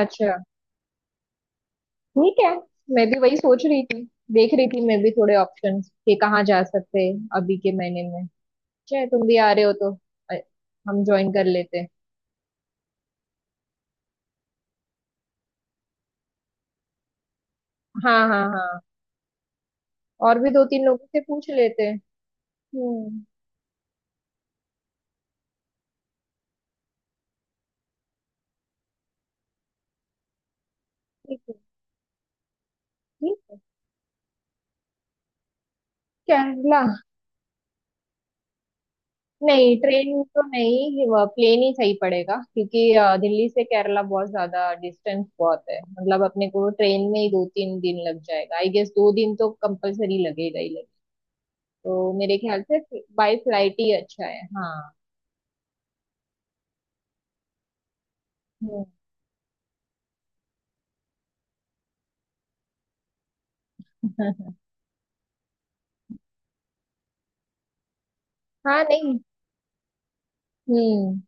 अच्छा, ठीक है। मैं भी वही सोच रही थी, देख रही थी। मैं भी थोड़े ऑप्शंस कि कहाँ जा सकते हैं अभी के महीने में। चाहे तुम भी आ रहे हो तो अ, हम ज्वाइन कर लेते हैं। हाँ हाँ हाँ, और भी दो तीन लोगों से पूछ लेते हैं। हम्म। ठीक है। ठीक है। केरला। नहीं, ट्रेन तो नहीं, प्लेन ही सही पड़ेगा क्योंकि दिल्ली से केरला बहुत ज्यादा डिस्टेंस बहुत है। मतलब अपने को ट्रेन में ही 2 3 दिन लग जाएगा, आई गेस। 2 दिन तो कंपलसरी लगेगा ही। तो मेरे ख्याल से बाई फ्लाइट ही अच्छा है। हाँ। हम्म। हाँ, नहीं। हम्म।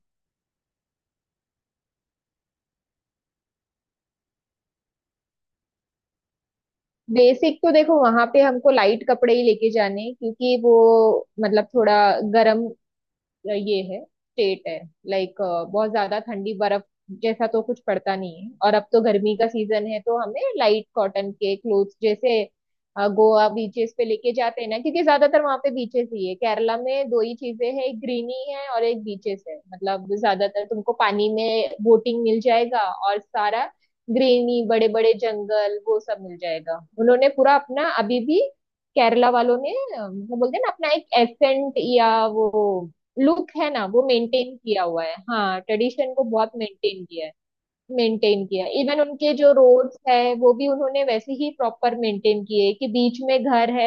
बेसिक तो देखो, वहां पे हमको लाइट कपड़े ही लेके जाने हैं, क्योंकि वो मतलब थोड़ा गर्म ये है, स्टेट है। लाइक बहुत ज्यादा ठंडी बर्फ जैसा तो कुछ पड़ता नहीं है, और अब तो गर्मी का सीजन है, तो हमें लाइट कॉटन के क्लोथ्स जैसे गोवा बीचेस पे लेके जाते हैं ना, क्योंकि ज्यादातर वहां पे बीचेस ही है। केरला में दो ही चीजें हैं, एक ग्रीनी है और एक बीचेस है। मतलब ज्यादातर तुमको पानी में बोटिंग मिल जाएगा, और सारा ग्रीनी, बड़े बड़े जंगल वो सब मिल जाएगा। उन्होंने पूरा अपना अभी भी केरला वालों ने मतलब बोलते हैं ना अपना एक एसेंट या वो लुक है ना, वो मेंटेन किया हुआ है। हाँ ट्रेडिशन को बहुत मेंटेन किया है, मेंटेन किया। इवन उनके जो रोड्स है, वो भी उन्होंने वैसे ही प्रॉपर मेंटेन किए, कि बीच में घर है,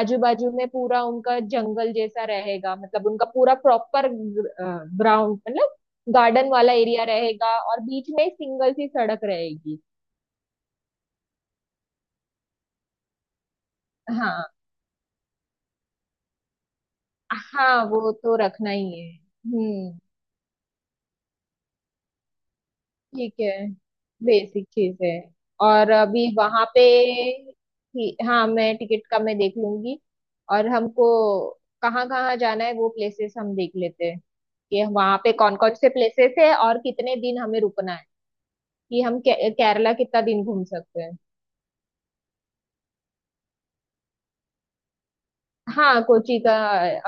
आजू बाजू में पूरा उनका जंगल जैसा रहेगा। मतलब उनका पूरा प्रॉपर ग्राउंड, मतलब गार्डन वाला एरिया रहेगा, और बीच में एक सिंगल सी सड़क रहेगी। हाँ हाँ, वो तो रखना ही है। हम्म। ठीक है, बेसिक चीजें। और अभी वहां पे हाँ, मैं टिकट का मैं देख लूंगी। और हमको कहाँ कहाँ जाना है वो प्लेसेस हम देख लेते हैं, कि वहां पे कौन कौन से प्लेसेस है, और कितने दिन हमें रुकना है, कि केरला कितना दिन घूम सकते हैं। हाँ कोची का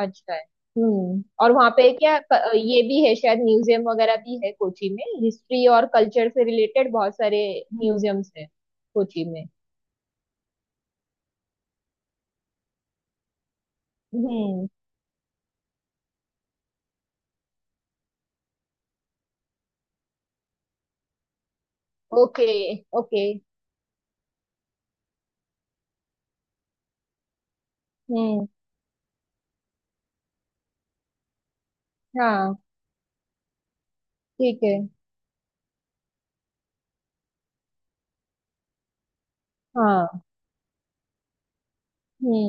अच्छा है। हम्म। और वहां पे क्या ये भी है शायद। म्यूजियम वगैरह भी है कोची में, हिस्ट्री और कल्चर से रिलेटेड बहुत सारे म्यूजियम्स है कोची में। हम्म। ओके। ओके। हम्म। हाँ ठीक है। हाँ। हम्म।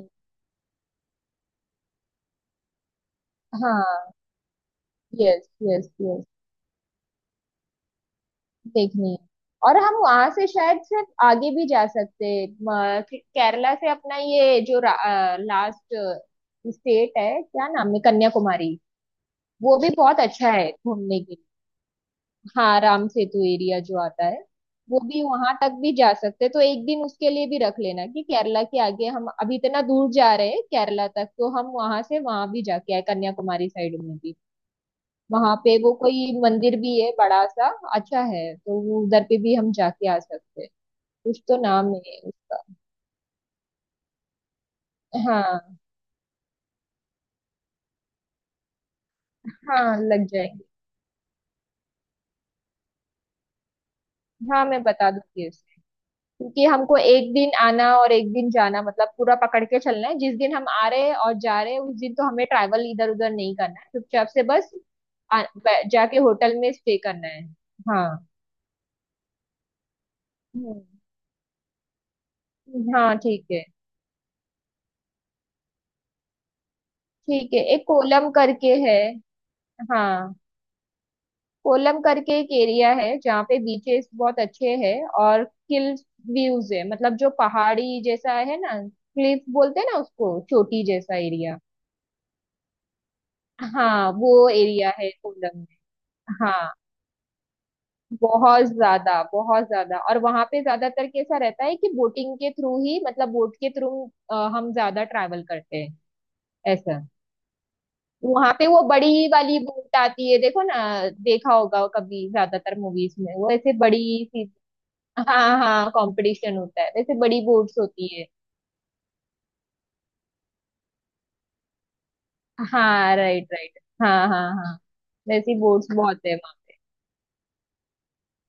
हाँ। यस यस यस, देखनी है। और हम वहां से शायद सिर्फ आगे भी जा सकते हैं। केरला से अपना ये जो लास्ट स्टेट है, क्या नाम है, कन्याकुमारी, वो भी बहुत अच्छा है घूमने के लिए। हाँ राम सेतु एरिया जो आता है, वो भी, वहां तक भी जा सकते हैं। तो एक दिन उसके लिए भी रख लेना, कि केरला के आगे हम अभी इतना दूर जा रहे हैं। केरला तक तो हम वहां से वहां भी जाके आए, कन्याकुमारी साइड में भी। वहां पे वो कोई मंदिर भी है बड़ा सा, अच्छा है, तो वो उधर पे भी हम जाके आ सकते हैं। कुछ तो नाम है उसका। हाँ हाँ, लग जाएंगे। हाँ मैं बता दूंगी, क्योंकि हमको एक दिन आना और एक दिन जाना मतलब पूरा पकड़ के चलना है। जिस दिन हम आ रहे हैं और जा रहे हैं उस दिन तो हमें ट्रैवल इधर उधर नहीं करना है, चुपचाप से बस जाके होटल में स्टे करना है। हाँ। हम्म। हाँ ठीक है। ठीक है, एक कोलम करके है। हाँ, कोलम करके एक एरिया है जहाँ पे बीचेस बहुत अच्छे हैं, और हिल व्यूज है, मतलब जो पहाड़ी जैसा है ना, क्लिफ बोलते हैं ना उसको, चोटी जैसा एरिया। हाँ वो एरिया है कोलम में। हाँ बहुत ज्यादा, बहुत ज्यादा। और वहां पे ज्यादातर कैसा रहता है, कि बोटिंग के थ्रू ही, मतलब बोट के थ्रू हम ज्यादा ट्रैवल करते हैं, ऐसा। वहां पे वो बड़ी वाली बोट आती है, देखो ना, देखा होगा कभी ज्यादातर मूवीज में, वो ऐसे बड़ी सी। हाँ हाँ, कंपटीशन होता है, वैसे बड़ी बोट्स होती है। हाँ राइट राइट, हाँ हाँ हाँ। वैसी बोट्स बहुत है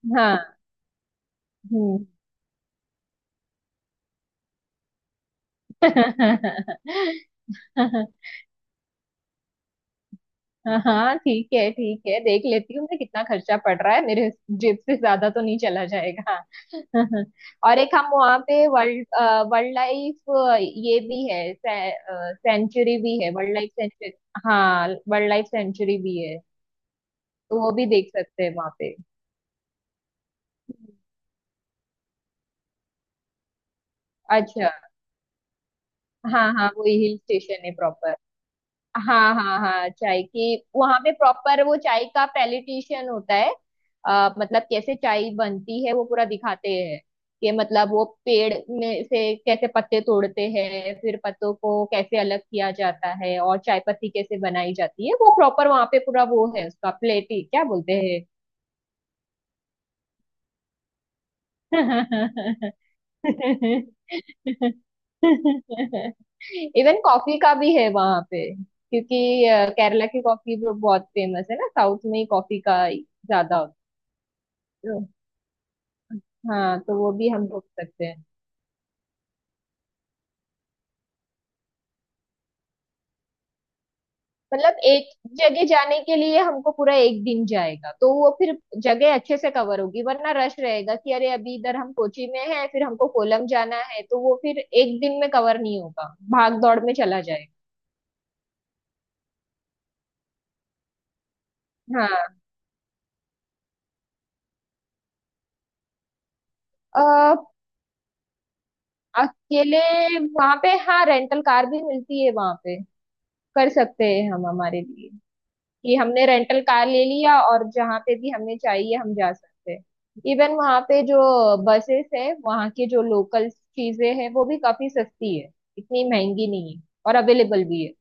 वहाँ, हाँ। हम्म। हाँ हाँ, ठीक है ठीक है, देख लेती हूँ मैं कितना खर्चा पड़ रहा है, मेरे जेब से ज्यादा तो नहीं चला जाएगा। और एक हम वहाँ पे वर्ल्ड, वर्ल्ड लाइफ ये भी है, सेंचुरी भी है, वर्ल्ड लाइफ सेंचुरी। हाँ वर्ल्ड लाइफ सेंचुरी भी है, तो वो भी देख सकते हैं वहाँ पे। अच्छा। हाँ हाँ, वो हिल स्टेशन है प्रॉपर। हाँ हाँ हाँ, चाय की वहां पे प्रॉपर वो चाय का पैलिटिशियन होता है। मतलब कैसे चाय बनती है वो पूरा दिखाते हैं, कि मतलब वो पेड़ में से कैसे पत्ते तोड़ते हैं, फिर पत्तों को कैसे अलग किया जाता है, और चाय पत्ती कैसे बनाई जाती है। वो प्रॉपर वहां पे पूरा वो है, उसका प्लेटी क्या बोलते हैं। इवन कॉफी का भी है वहां पे, क्योंकि केरला की कॉफी भी बहुत फेमस है ना, साउथ में ही कॉफी का ज्यादा होता है हाँ, तो वो भी हम रुक सकते हैं। मतलब एक जगह जाने के लिए हमको पूरा एक दिन जाएगा, तो वो फिर जगह अच्छे से कवर होगी। वरना रश रहेगा कि अरे अभी इधर हम कोची में हैं, फिर हमको कोलम जाना है, तो वो फिर एक दिन में कवर नहीं होगा, भाग दौड़ में चला जाएगा। हाँ, अकेले वहां पे हाँ, रेंटल कार भी मिलती है वहां पे, कर सकते हैं हम हमारे लिए। कि हमने रेंटल कार ले लिया और जहाँ पे भी हमें चाहिए हम जा सकते हैं। इवन वहां पे जो बसेस है वहां के, जो लोकल चीजें हैं वो भी काफी सस्ती है, इतनी महंगी नहीं है, और अवेलेबल भी है।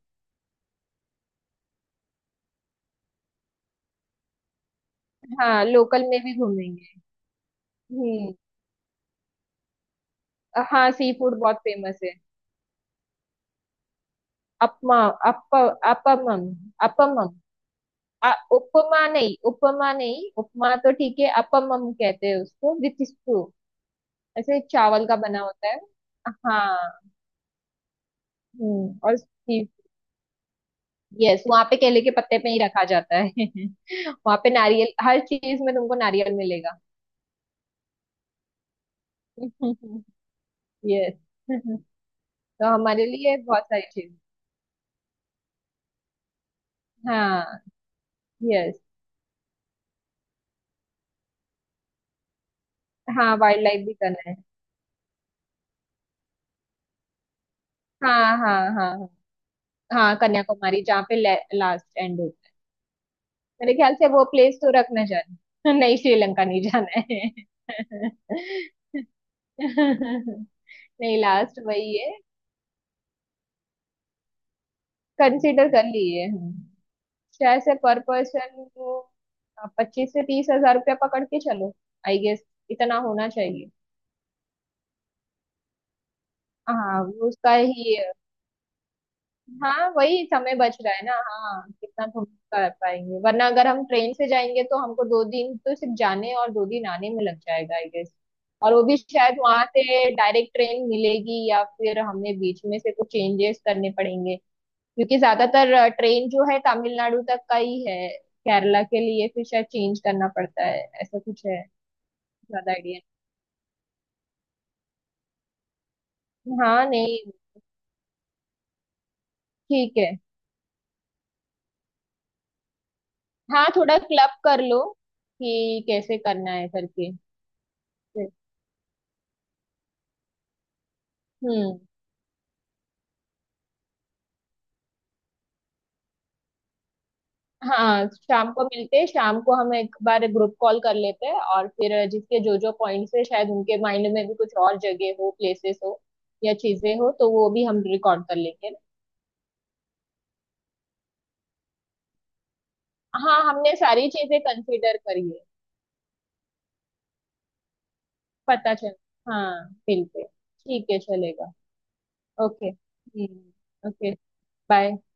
हाँ लोकल में भी घूमेंगे। हम्म। हाँ, सी फूड बहुत फेमस है। अपमा, अप, अपमम, अपमम, उपमा नहीं, उपमा नहीं, उपमा तो ठीक है, अपम हम कहते हैं उसको, विथ स्टू। ऐसे चावल का बना होता है। हाँ। हम्म। और यस, वहां पे केले के पत्ते पे ही रखा जाता है। वहां पे नारियल, हर चीज में तुमको नारियल मिलेगा। यस। तो हमारे लिए बहुत सारी चीज, हाँ। यस। हाँ वाइल्ड लाइफ भी करना है। हाँ हाँ हाँ हाँ। हाँ, कन्याकुमारी जहाँ पे लास्ट एंड होता है। मेरे ख्याल से वो प्लेस तो रख ना जाना। नहीं, श्रीलंका नहीं जाना है। नहीं, लास्ट वही है। कंसिडर कर लिए हम। शायद से पर पर्सन 25 से 30 हज़ार रुपया पकड़ के चलो, आई गेस, इतना होना चाहिए। हाँ उसका ही, हाँ वही समय बच रहा है ना। हाँ कितना हम कर पाएंगे, वरना अगर हम ट्रेन से जाएंगे तो हमको 2 दिन तो सिर्फ जाने और 2 दिन आने में लग जाएगा, आई गेस। और वो भी शायद वहां से डायरेक्ट ट्रेन मिलेगी या फिर हमें बीच में से कुछ चेंजेस करने पड़ेंगे, क्योंकि ज्यादातर ट्रेन जो है तमिलनाडु तक का ही है, केरला के लिए फिर शायद चेंज करना पड़ता है, ऐसा कुछ है। ज्यादा आइडिया नहीं। हाँ नहीं, ठीक है। हाँ थोड़ा क्लब कर लो कि कैसे करना है करके। हम्म। हाँ शाम को मिलते हैं, शाम को हम एक बार ग्रुप कॉल कर लेते हैं, और फिर जिसके जो जो पॉइंट्स है, शायद उनके माइंड में भी कुछ और जगह हो, प्लेसेस हो या चीजें हो, तो वो भी हम रिकॉर्ड कर लेंगे। हाँ हमने सारी चीजें कंसिडर करी है। पता चल। हाँ बिल्कुल ठीक है, चलेगा। ओके, हम्म, ओके, बाय।